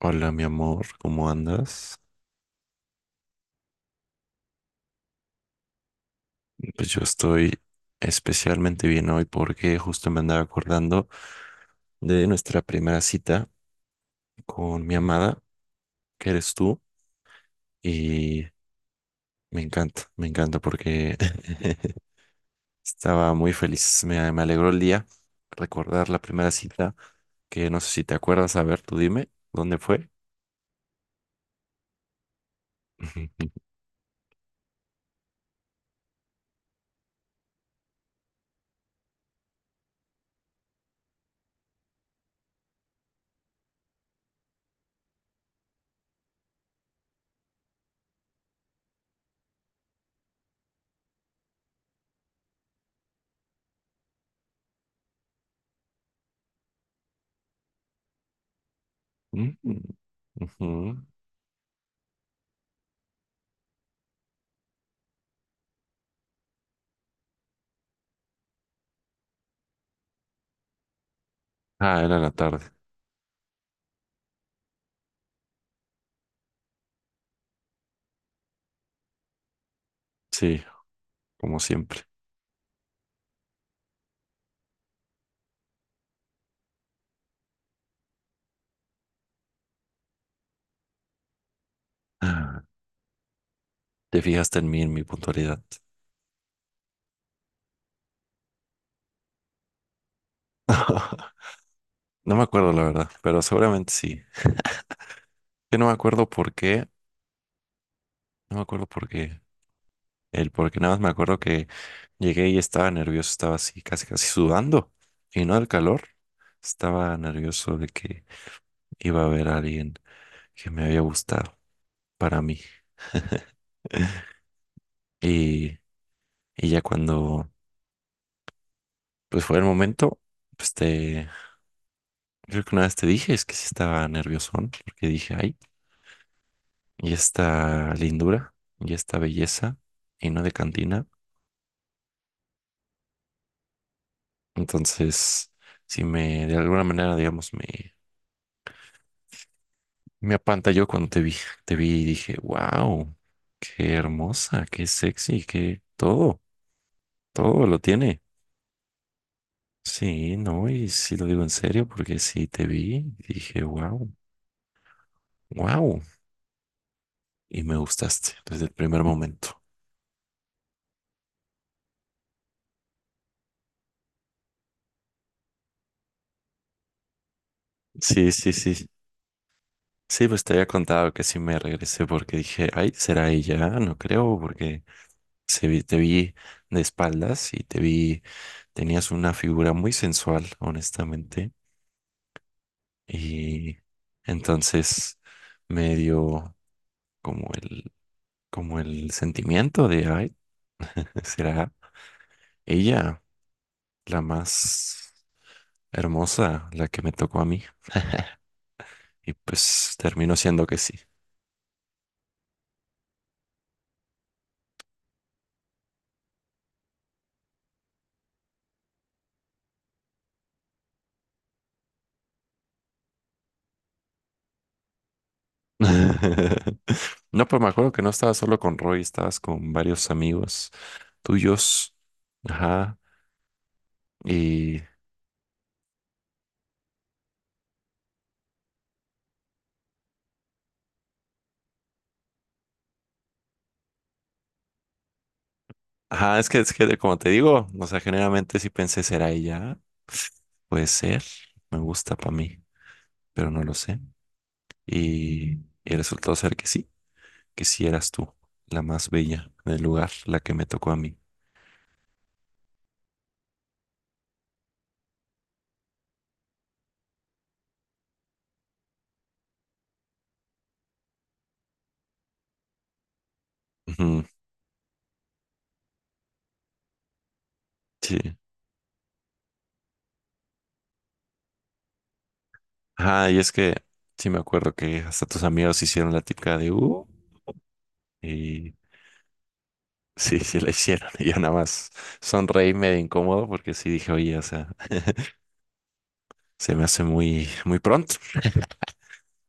Hola, mi amor, ¿cómo andas? Pues yo estoy especialmente bien hoy porque justo me andaba acordando de nuestra primera cita con mi amada, que eres tú, y me encanta porque estaba muy feliz, me alegró el día recordar la primera cita, que no sé si te acuerdas, a ver, tú dime, ¿dónde fue? Ujú. Ah, era en la tarde, sí, como siempre. Te fijaste en mí, en mi puntualidad. No me acuerdo, la verdad, pero seguramente sí. Yo no me acuerdo por qué, no me acuerdo por qué. El por qué nada más me acuerdo que llegué y estaba nervioso, estaba así, casi, casi sudando. Y no del calor, estaba nervioso de que iba a haber a alguien que me había gustado para mí. Y, y ya cuando pues fue el momento, pues te, creo que una vez te dije, es que sí estaba nerviosón, porque dije, ay, y esta lindura y esta belleza y no de cantina. Entonces, si me de alguna manera, digamos, me apantalló cuando te vi y dije, wow, qué hermosa, qué sexy, qué todo, todo lo tiene. Sí, no, y sí lo digo en serio porque sí te vi, y dije, wow, wow, y me gustaste desde el primer momento. Sí, sí, sí. Sí, pues te había contado que sí me regresé porque dije, ay, será ella, no creo, porque se vi- te vi de espaldas y te vi, tenías una figura muy sensual, honestamente, y entonces me dio como el, como el sentimiento de, ay, será ella la más hermosa, la que me tocó a mí, y pues terminó siendo que sí. No, pues me acuerdo que no estabas solo con Roy, estabas con varios amigos tuyos, ajá, y ajá, es que, como te digo, o sea, generalmente si pensé, ¿será ella? Puede ser, me gusta para mí, pero no lo sé. Y, y resultó ser que sí eras tú, la más bella del lugar, la que me tocó a mí. Ujú, sí. Ajá, y es que sí me acuerdo que hasta tus amigos hicieron la típica de y sí, sí la hicieron. Y yo nada más sonreí medio incómodo porque sí dije, oye, o sea, se me hace muy, muy pronto.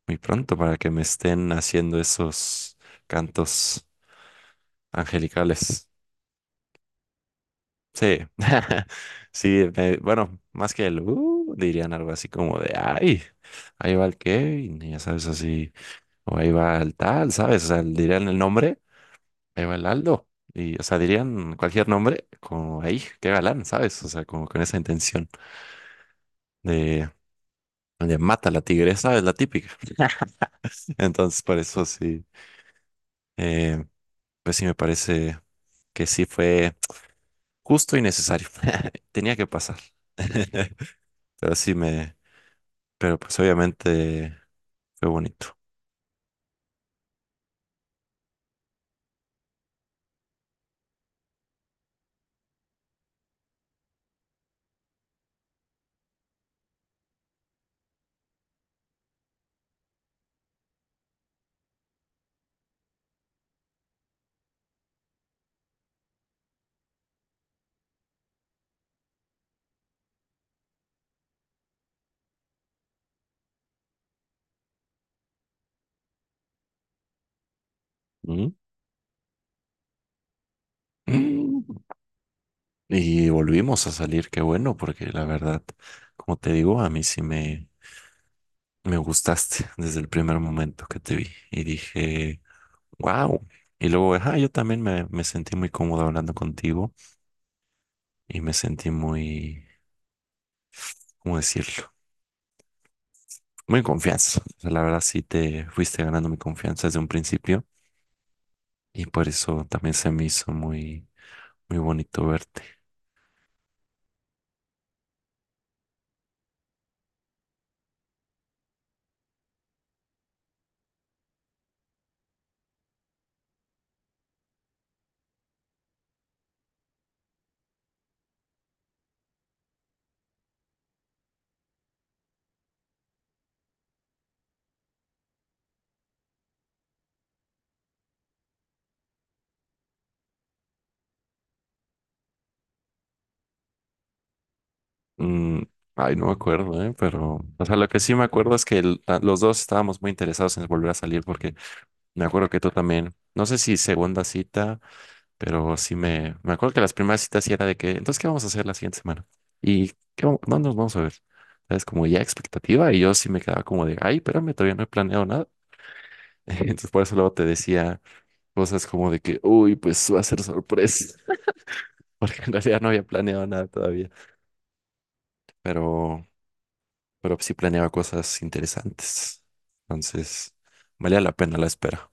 Muy pronto para que me estén haciendo esos cantos angelicales. Sí, sí, me- bueno, más que el dirían algo así como de ay, ahí va el Kevin, y ya sabes, así, o ahí va el tal, ¿sabes? O sea, dirían el nombre, ahí va el Aldo, y o sea, dirían cualquier nombre, como ahí, qué galán, ¿sabes? O sea, como con esa intención de, de mata a la tigresa, es la típica. Entonces, por eso sí, eh, pues sí me parece que sí fue. Justo y necesario. Tenía que pasar. Pero sí me, pero pues obviamente fue bonito. ¿Mm? Mm. Y volvimos a salir, qué bueno, porque la verdad, como te digo, a mí sí me gustaste desde el primer momento que te vi y dije, wow. Y luego, ajá, yo también me sentí muy cómodo hablando contigo y me sentí muy, ¿cómo decirlo? Muy en confianza. O sea, la verdad sí te fuiste ganando mi confianza desde un principio y por eso también se me hizo muy, muy bonito verte. Mm, ay, no me acuerdo, ¿eh? Pero, o sea, lo que sí me acuerdo es que el- la- los dos estábamos muy interesados en volver a salir porque me acuerdo que tú también, no sé si segunda cita, pero sí me acuerdo que las primeras citas sí era de que, entonces, ¿qué vamos a hacer la siguiente semana? Y qué, vam- ¿dónde nos vamos a ver? Es como ya expectativa y yo sí me quedaba como de, ay, espérame, todavía no he planeado nada. Entonces, por eso luego te decía cosas como de que, uy, pues va a ser sorpresa. Porque en realidad no había planeado nada todavía, pero, pero sí planeaba cosas interesantes. Entonces, valía la pena la espera.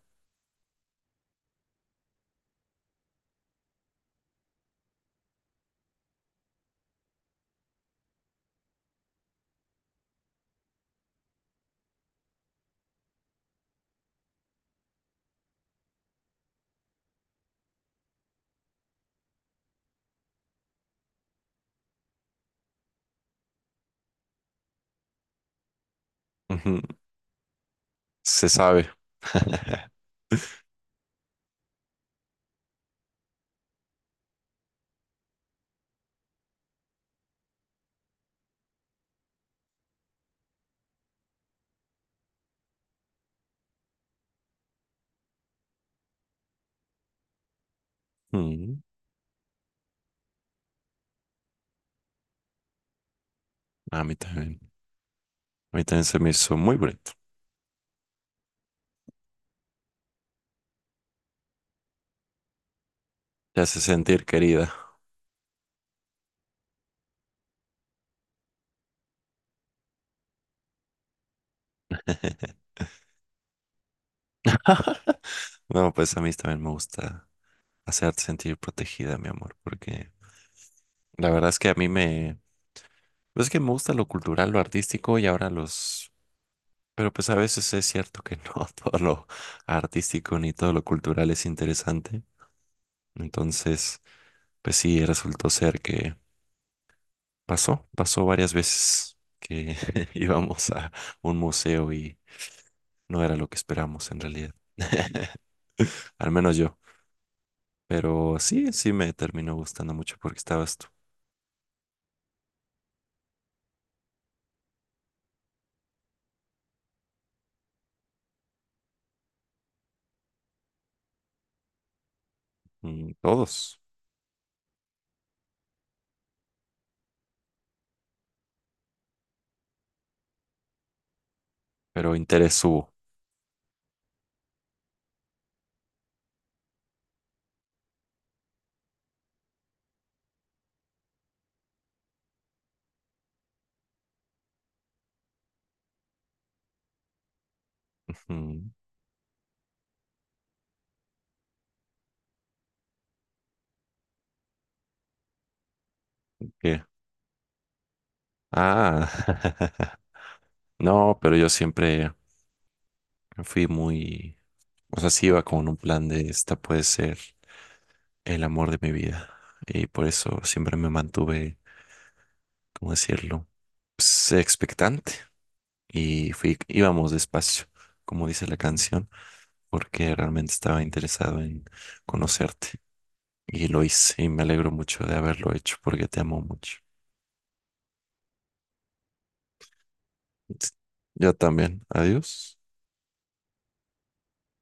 Ujú, se sabe. Mm, a mí también. A mí también se me hizo muy bonito. Te hace sentir querida. No, pues a mí también me gusta hacerte sentir protegida, mi amor, porque la verdad es que a mí me... Pues es que me gusta lo cultural, lo artístico y ahora los... Pero pues a veces es cierto que no todo lo artístico ni todo lo cultural es interesante. Entonces, pues sí, resultó ser que pasó, pasó varias veces que íbamos a un museo y no era lo que esperamos en realidad. Al menos yo. Pero sí, sí me terminó gustando mucho porque estabas tú, mm, todos, pero interés hubo. Mm, ¿qué? Ah, no, pero yo siempre fui muy, o sea, sí iba con un plan de esta puede ser el amor de mi vida. Y por eso siempre me mantuve, ¿cómo decirlo? Pues, expectante y fui, íbamos despacio, como dice la canción, porque realmente estaba interesado en conocerte y lo hice y me alegro mucho de haberlo hecho porque te amo mucho. Yo también. Adiós.